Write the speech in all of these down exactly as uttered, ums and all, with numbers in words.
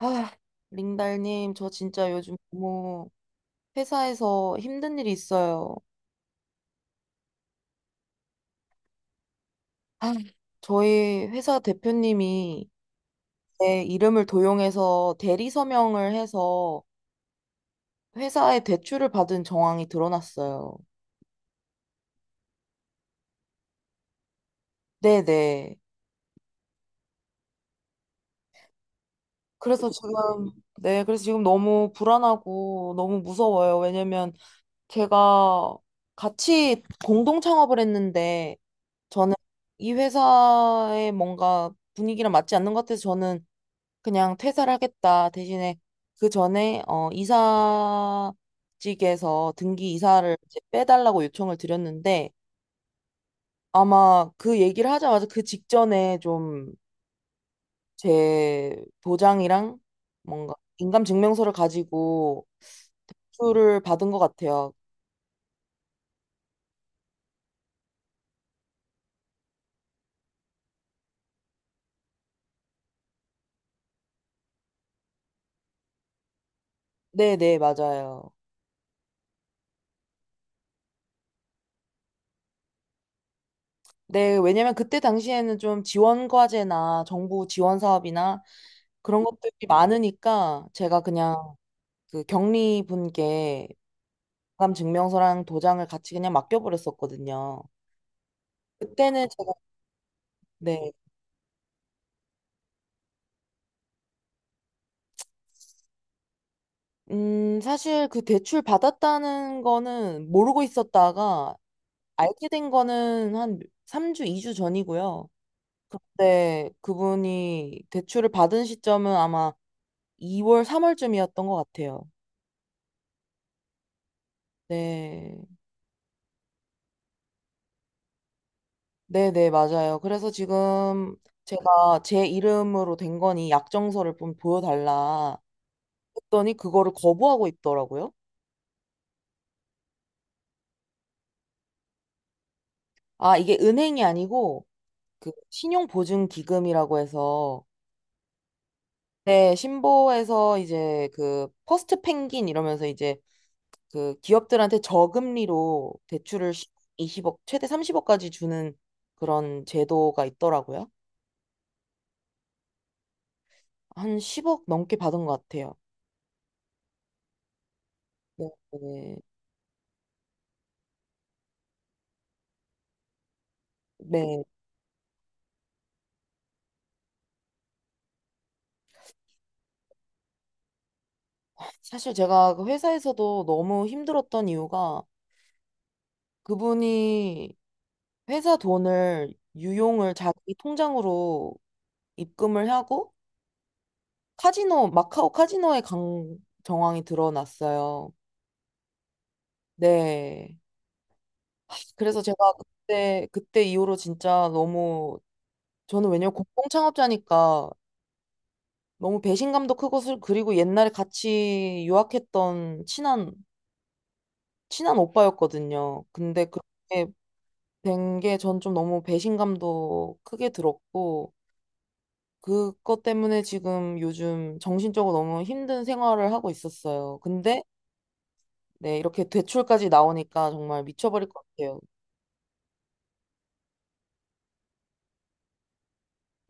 아, 링달님, 저 진짜 요즘 너무 회사에서 힘든 일이 있어요. 아, 저희 회사 대표님이 제 이름을 도용해서 대리 서명을 해서 회사에 대출을 받은 정황이 드러났어요. 네네. 그래서 지금, 네, 그래서 지금 너무 불안하고 너무 무서워요. 왜냐면 제가 같이 공동 창업을 했는데 저는 이 회사의 뭔가 분위기랑 맞지 않는 것 같아서 저는 그냥 퇴사를 하겠다. 대신에 그 전에 어 이사직에서 등기 이사를 이제 빼달라고 요청을 드렸는데 아마 그 얘기를 하자마자 그 직전에 좀 제 도장이랑 뭔가 인감증명서를 가지고 수를 받은 것 같아요. 네네, 맞아요. 네, 왜냐면 그때 당시에는 좀 지원 과제나 정부 지원 사업이나 그런 것들이 많으니까 제가 그냥 그 격리 분께 마감 증명서랑 도장을 같이 그냥 맡겨버렸었거든요. 그때는 제가, 네. 음, 사실 그 대출 받았다는 거는 모르고 있었다가 알게 된 거는 한 삼 주, 이 주 전이고요. 네, 그분이 대출을 받은 시점은 아마 이 월, 삼 월쯤이었던 것 같아요. 네. 네네, 맞아요. 그래서 지금 제가 제 이름으로 된 거니 약정서를 좀 보여달라 했더니 그거를 거부하고 있더라고요. 아, 이게 은행이 아니고 그 신용보증기금이라고 해서 네, 신보에서 이제 그 퍼스트 펭귄 이러면서 이제 그 기업들한테 저금리로 대출을 이십억 최대 삼십억까지 주는 그런 제도가 있더라고요. 한 십억 넘게 받은 것 같아요. 네. 네. 네. 사실 제가 그 회사에서도 너무 힘들었던 이유가 그분이 회사 돈을 유용을 자기 통장으로 입금을 하고 카지노, 마카오 카지노에 간 정황이 드러났어요. 네. 하, 그래서 제가 그때, 그때 이후로 진짜 너무, 저는 왜냐면 공동 창업자니까 너무 배신감도 크고, 슬- 그리고 옛날에 같이 유학했던 친한, 친한 오빠였거든요. 근데 그렇게 된 게 전 좀 너무 배신감도 크게 들었고, 그것 때문에 지금 요즘 정신적으로 너무 힘든 생활을 하고 있었어요. 근데 네, 이렇게 대출까지 나오니까 정말 미쳐버릴 것 같아요.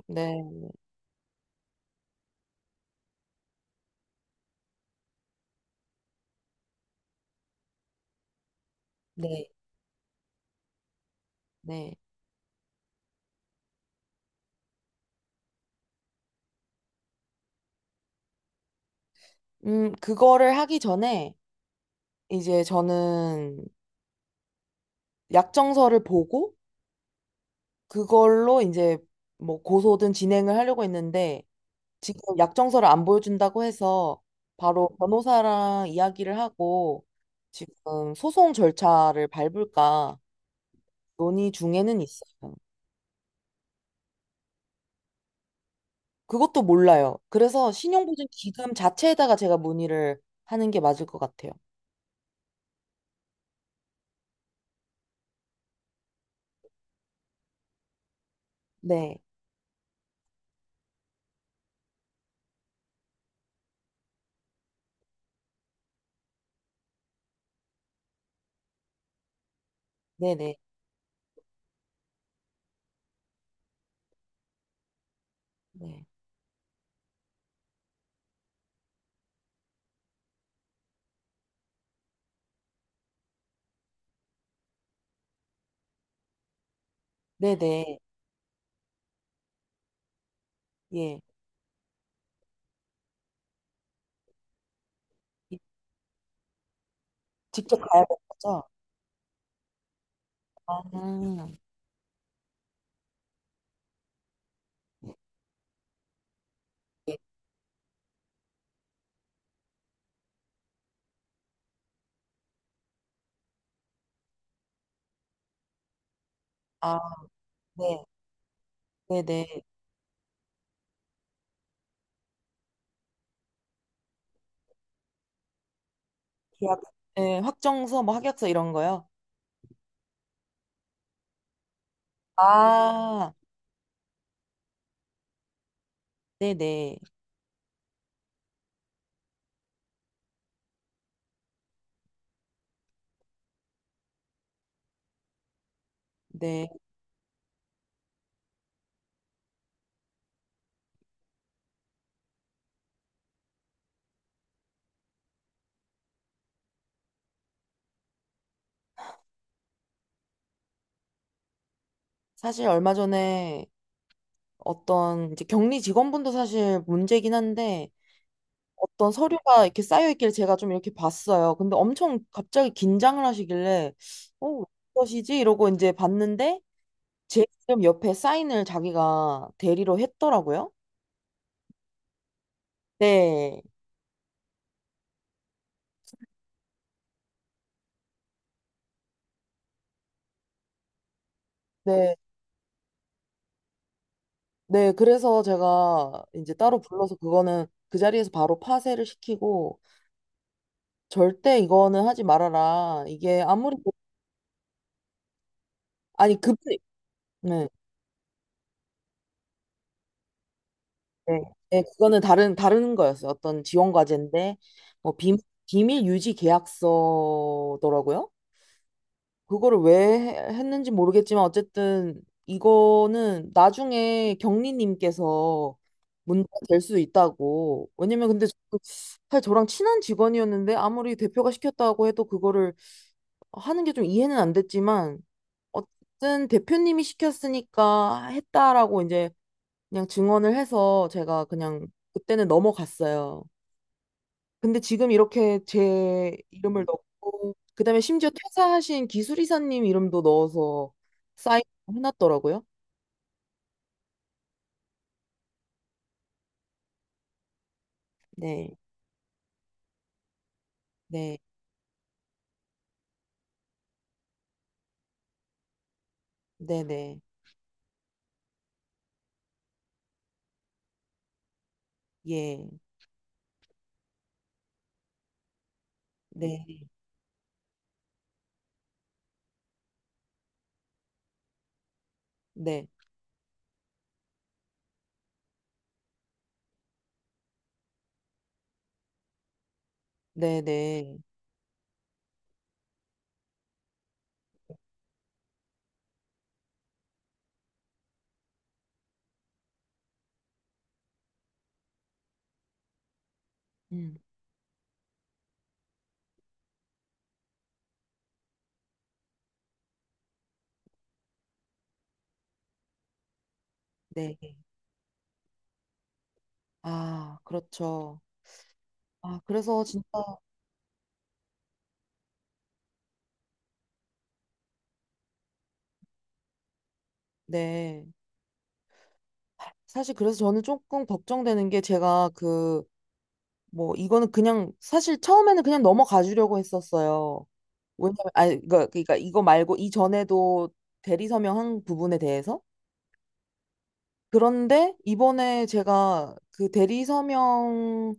네, 네. 네. 음, 그거를 하기 전에 이제 저는 약정서를 보고 그걸로 이제 뭐 고소든 진행을 하려고 했는데 지금 약정서를 안 보여준다고 해서 바로 변호사랑 이야기를 하고 지금 소송 절차를 밟을까 논의 중에는 있어요. 그것도 몰라요. 그래서 신용보증 기금 자체에다가 제가 문의를 하는 게 맞을 것 같아요. 네, 네네, 네, 네네, 예. 이- 직접 가야 되는 거죠? 아, 예. 아, 네, 네네. 계약, 네, 확정서, 뭐 합약서 이런 거요? 아, 네네, 네. 사실 얼마 전에 어떤 이제 격리 직원분도 사실 문제긴 한데 어떤 서류가 이렇게 쌓여 있길 제가 좀 이렇게 봤어요. 근데 엄청 갑자기 긴장을 하시길래, 어, 무엇이지? 이러고 이제 봤는데 제 이름 옆에 사인을 자기가 대리로 했더라고요. 네, 네, 네. 그래서 제가 이제 따로 불러서 그거는 그 자리에서 바로 파쇄를 시키고 절대 이거는 하지 말아라. 이게 아무리 아니 그분 네, 네, 네. 그거는 다른 다른 거였어요. 어떤 지원 과제인데 뭐 비, 비밀 유지 계약서더라고요. 그거를 왜 해- 했는지 모르겠지만 어쨌든 이거는 나중에 경리님께서 문제가 될 수 있다고. 왜냐면 근데 저- 사실 저랑 친한 직원이었는데 아무리 대표가 시켰다고 해도 그거를 하는 게 좀 이해는 안 됐지만 어쨌든 대표님이 시켰으니까 했다라고 이제 그냥 증언을 해서 제가 그냥 그때는 넘어갔어요. 근데 지금 이렇게 제 이름을 넣고 그다음에 심지어 퇴사하신 기술이사님 이름도 넣어서 사인 해놨더라고요. 네, 네, 네, 네, 예, 네, 네, 네, 네, 음, 네. 아, 그렇죠. 아, 그래서 진짜 네. 사실 그래서 저는 조금 걱정되는 게 제가 그 뭐 이거는 그냥 사실 처음에는 그냥 넘어가 주려고 했었어요. 왜냐면 아 그러니까, 그러니까 이거 말고 이전에도 대리 서명한 부분에 대해서 그런데 이번에 제가 그 대리 서명을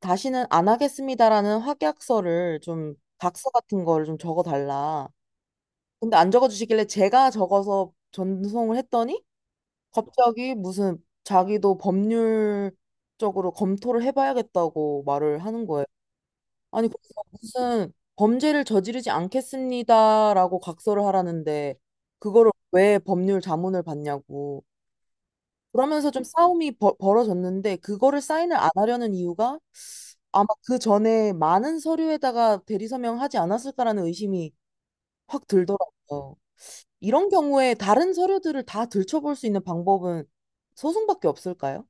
다시는 안 하겠습니다라는 확약서를 좀 각서 같은 거를 좀 적어 달라. 근데 안 적어 주시길래 제가 적어서 전송을 했더니 갑자기 무슨 자기도 법률적으로 검토를 해봐야겠다고 말을 하는 거예요. 아니, 거기서 무슨 범죄를 저지르지 않겠습니다라고 각서를 하라는데, 그거를 왜 법률 자문을 받냐고. 그러면서 좀 싸움이 벌- 벌어졌는데, 그거를 사인을 안 하려는 이유가 아마 그 전에 많은 서류에다가 대리서명하지 않았을까라는 의심이 확 들더라고요. 이런 경우에 다른 서류들을 다 들춰볼 수 있는 방법은 소송밖에 없을까요?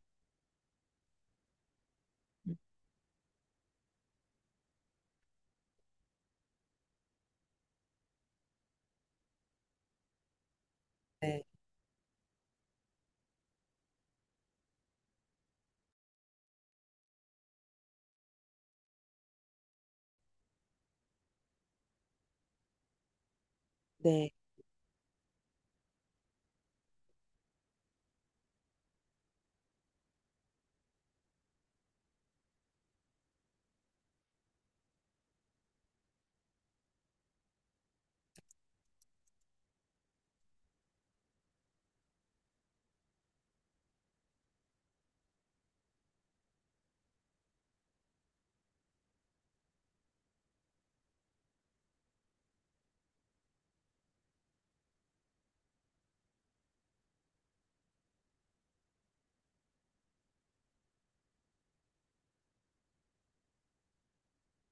네, 네.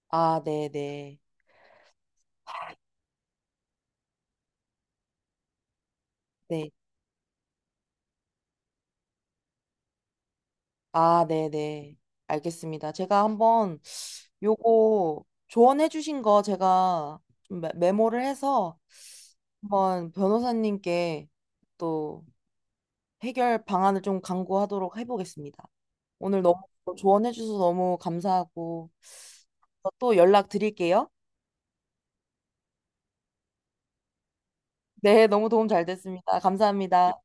아, 네, 네. 네. 아, 네네. 알겠습니다. 제가 한번 요거 조언해 주신 거 제가 좀 메- 메모를 해서 한번 변호사님께 또 해결 방안을 좀 강구하도록 해보겠습니다. 오늘 너무 조언해 주셔서 너무 감사하고 또 연락 드릴게요. 네, 너무 도움 잘 됐습니다. 감사합니다.